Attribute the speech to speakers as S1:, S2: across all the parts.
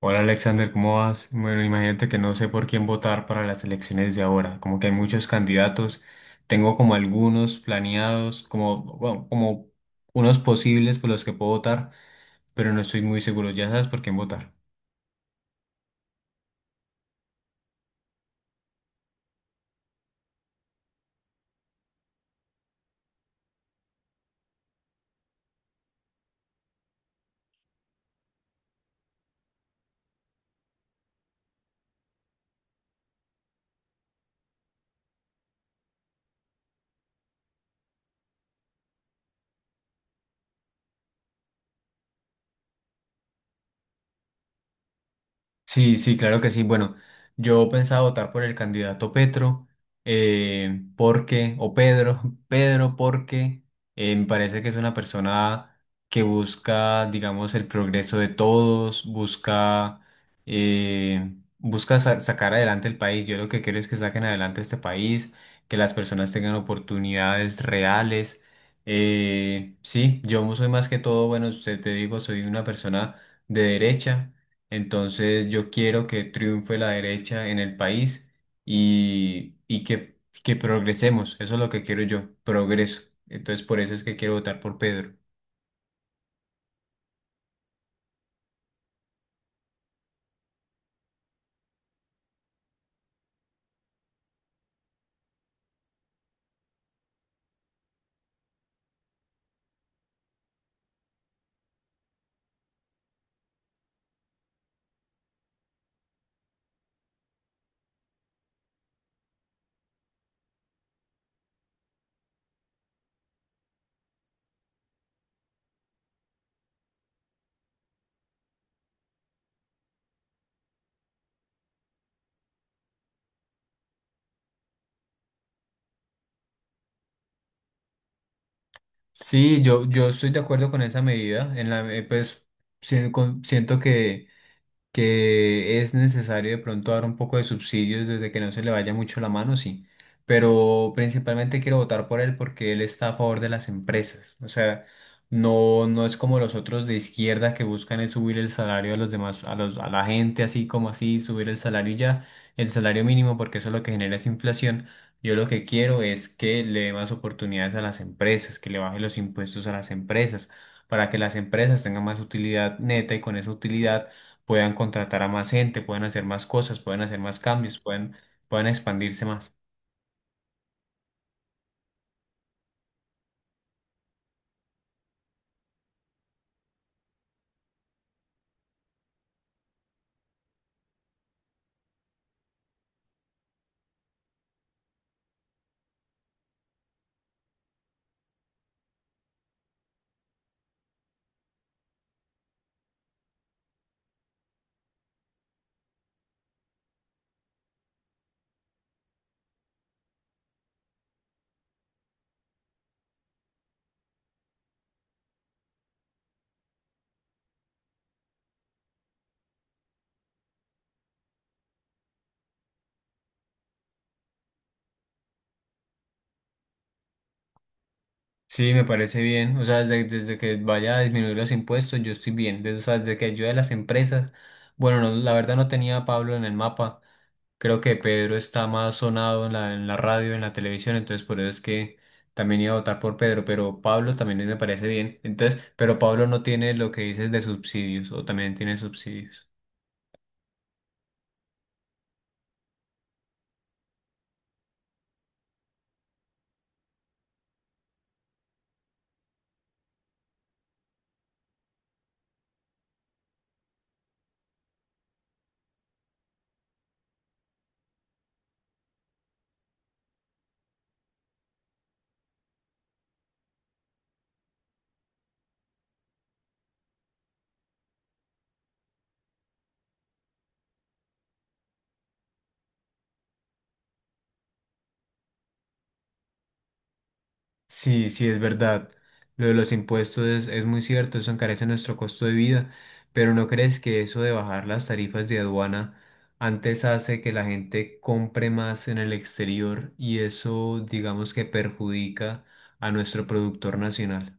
S1: Hola Alexander, ¿cómo vas? Bueno, imagínate que no sé por quién votar para las elecciones de ahora, como que hay muchos candidatos, tengo como algunos planeados, como, bueno, como unos posibles por los que puedo votar, pero no estoy muy seguro, ya sabes por quién votar. Sí, sí, claro que sí. Bueno, yo pensaba votar por el candidato Petro, porque, o Pedro, Pedro, porque me parece que es una persona que busca, digamos, el progreso de todos, busca, busca sacar adelante el país. Yo lo que quiero es que saquen adelante este país, que las personas tengan oportunidades reales. Sí, yo soy más que todo, bueno, te digo, soy una persona de derecha. Entonces yo quiero que triunfe la derecha en el país y que progresemos. Eso es lo que quiero yo, progreso. Entonces por eso es que quiero votar por Pedro. Sí, yo estoy de acuerdo con esa medida. En la, pues sien- con- Siento que es necesario de pronto dar un poco de subsidios desde que no se le vaya mucho la mano, sí. Pero principalmente quiero votar por él porque él está a favor de las empresas. O sea, no, no es como los otros de izquierda que buscan es subir el salario a los demás, a los, a la gente así como así, subir el salario y ya, el salario mínimo, porque eso lo que genera es inflación. Yo lo que quiero es que le dé más oportunidades a las empresas, que le baje los impuestos a las empresas, para que las empresas tengan más utilidad neta y con esa utilidad puedan contratar a más gente, puedan hacer más cosas, puedan hacer más cambios, puedan, puedan expandirse más. Sí, me parece bien. O sea, desde, desde que vaya a disminuir los impuestos, yo estoy bien. Desde, o sea, desde que ayude a las empresas. Bueno, no, la verdad no tenía a Pablo en el mapa. Creo que Pedro está más sonado en la radio, en la televisión, entonces por eso es que también iba a votar por Pedro, pero Pablo también me parece bien. Entonces, pero Pablo no tiene lo que dices de subsidios, o también tiene subsidios. Sí, sí, es verdad. Lo de los impuestos es muy cierto, eso encarece nuestro costo de vida, pero ¿no crees que eso de bajar las tarifas de aduana antes hace que la gente compre más en el exterior y eso digamos que perjudica a nuestro productor nacional?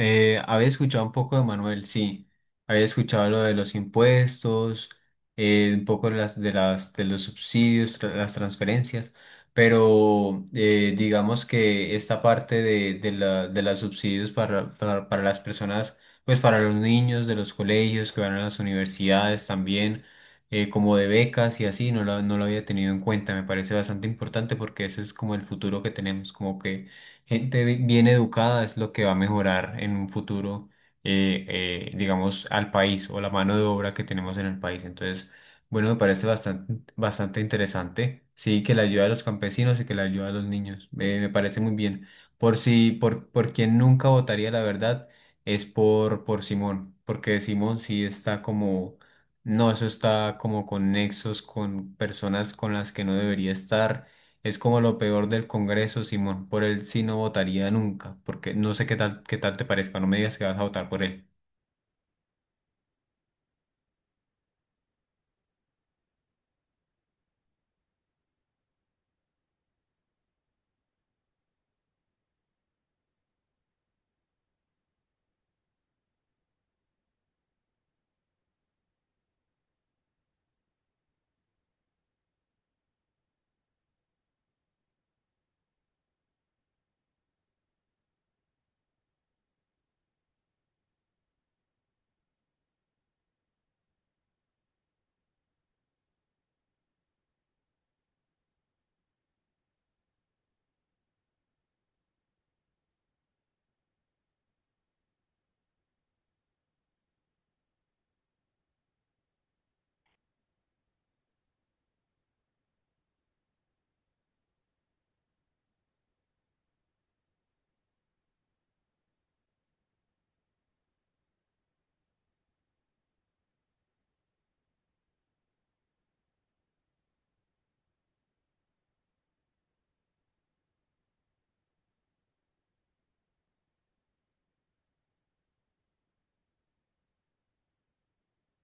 S1: Había escuchado un poco de Manuel, sí. Había escuchado lo de los impuestos, un poco de las, de las, de los subsidios, las transferencias, pero digamos que esta parte de la, de los subsidios para las personas, pues para los niños de los colegios que van a las universidades también, como de becas y así, no lo, no lo había tenido en cuenta. Me parece bastante importante porque ese es como el futuro que tenemos, como que gente bien educada es lo que va a mejorar en un futuro, eh, digamos, al país o la mano de obra que tenemos en el país. Entonces, bueno, me parece bastante, bastante interesante. Sí, que la ayuda de los campesinos y que la ayuda de los niños. Me parece muy bien. Por si, por quien nunca votaría, la verdad, es por Simón, porque Simón sí está como, no, eso está como con nexos, con personas con las que no debería estar, es como lo peor del Congreso, Simón. Por él sí no votaría nunca, porque no sé qué tal te parezca. No me digas que vas a votar por él.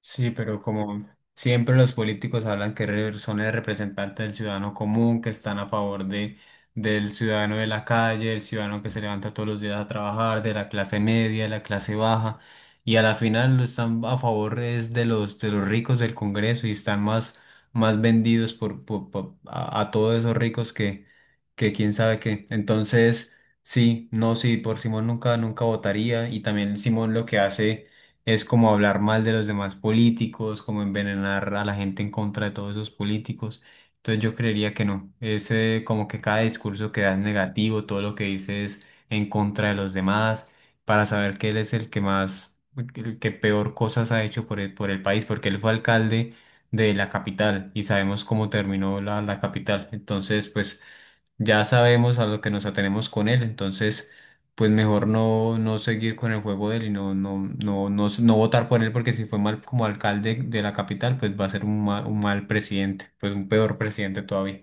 S1: Sí, pero como siempre los políticos hablan que son el representante del ciudadano común, que están a favor de, del ciudadano de la calle, el ciudadano que se levanta todos los días a trabajar, de la clase media, de la clase baja, y a la final lo están a favor es de los ricos del Congreso y están más, más vendidos a todos esos ricos que quién sabe qué. Entonces, sí, no, sí, por Simón nunca, nunca votaría. Y también Simón lo que hace es como hablar mal de los demás políticos, como envenenar a la gente en contra de todos esos políticos. Entonces yo creería que no. Es, como que cada discurso que da es negativo, todo lo que dice es en contra de los demás, para saber que él es el que más, el que peor cosas ha hecho por el país, porque él fue alcalde de la capital y sabemos cómo terminó la, la capital. Entonces, pues ya sabemos a lo que nos atenemos con él, entonces pues mejor no, no seguir con el juego de él y no, no, no, no, no votar por él porque si fue mal como alcalde de la capital, pues va a ser un mal presidente, pues un peor presidente todavía.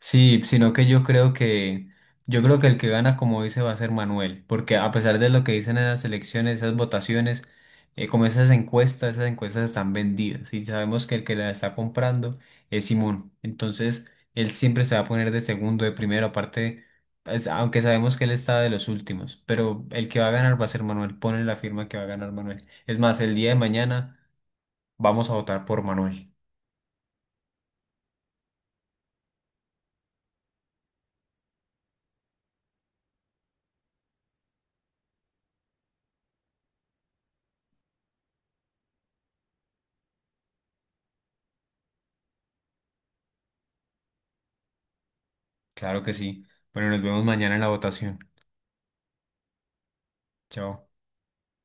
S1: Sí, sino que yo creo que el que gana, como dice, va a ser Manuel, porque a pesar de lo que dicen en las elecciones, esas votaciones, como esas encuestas están vendidas y sabemos que el que la está comprando es Simón. Entonces, él siempre se va a poner de segundo, de primero, aparte, pues, aunque sabemos que él está de los últimos, pero el que va a ganar va a ser Manuel. Ponle la firma que va a ganar Manuel. Es más, el día de mañana vamos a votar por Manuel. Claro que sí. Bueno, nos vemos mañana en la votación. Chao.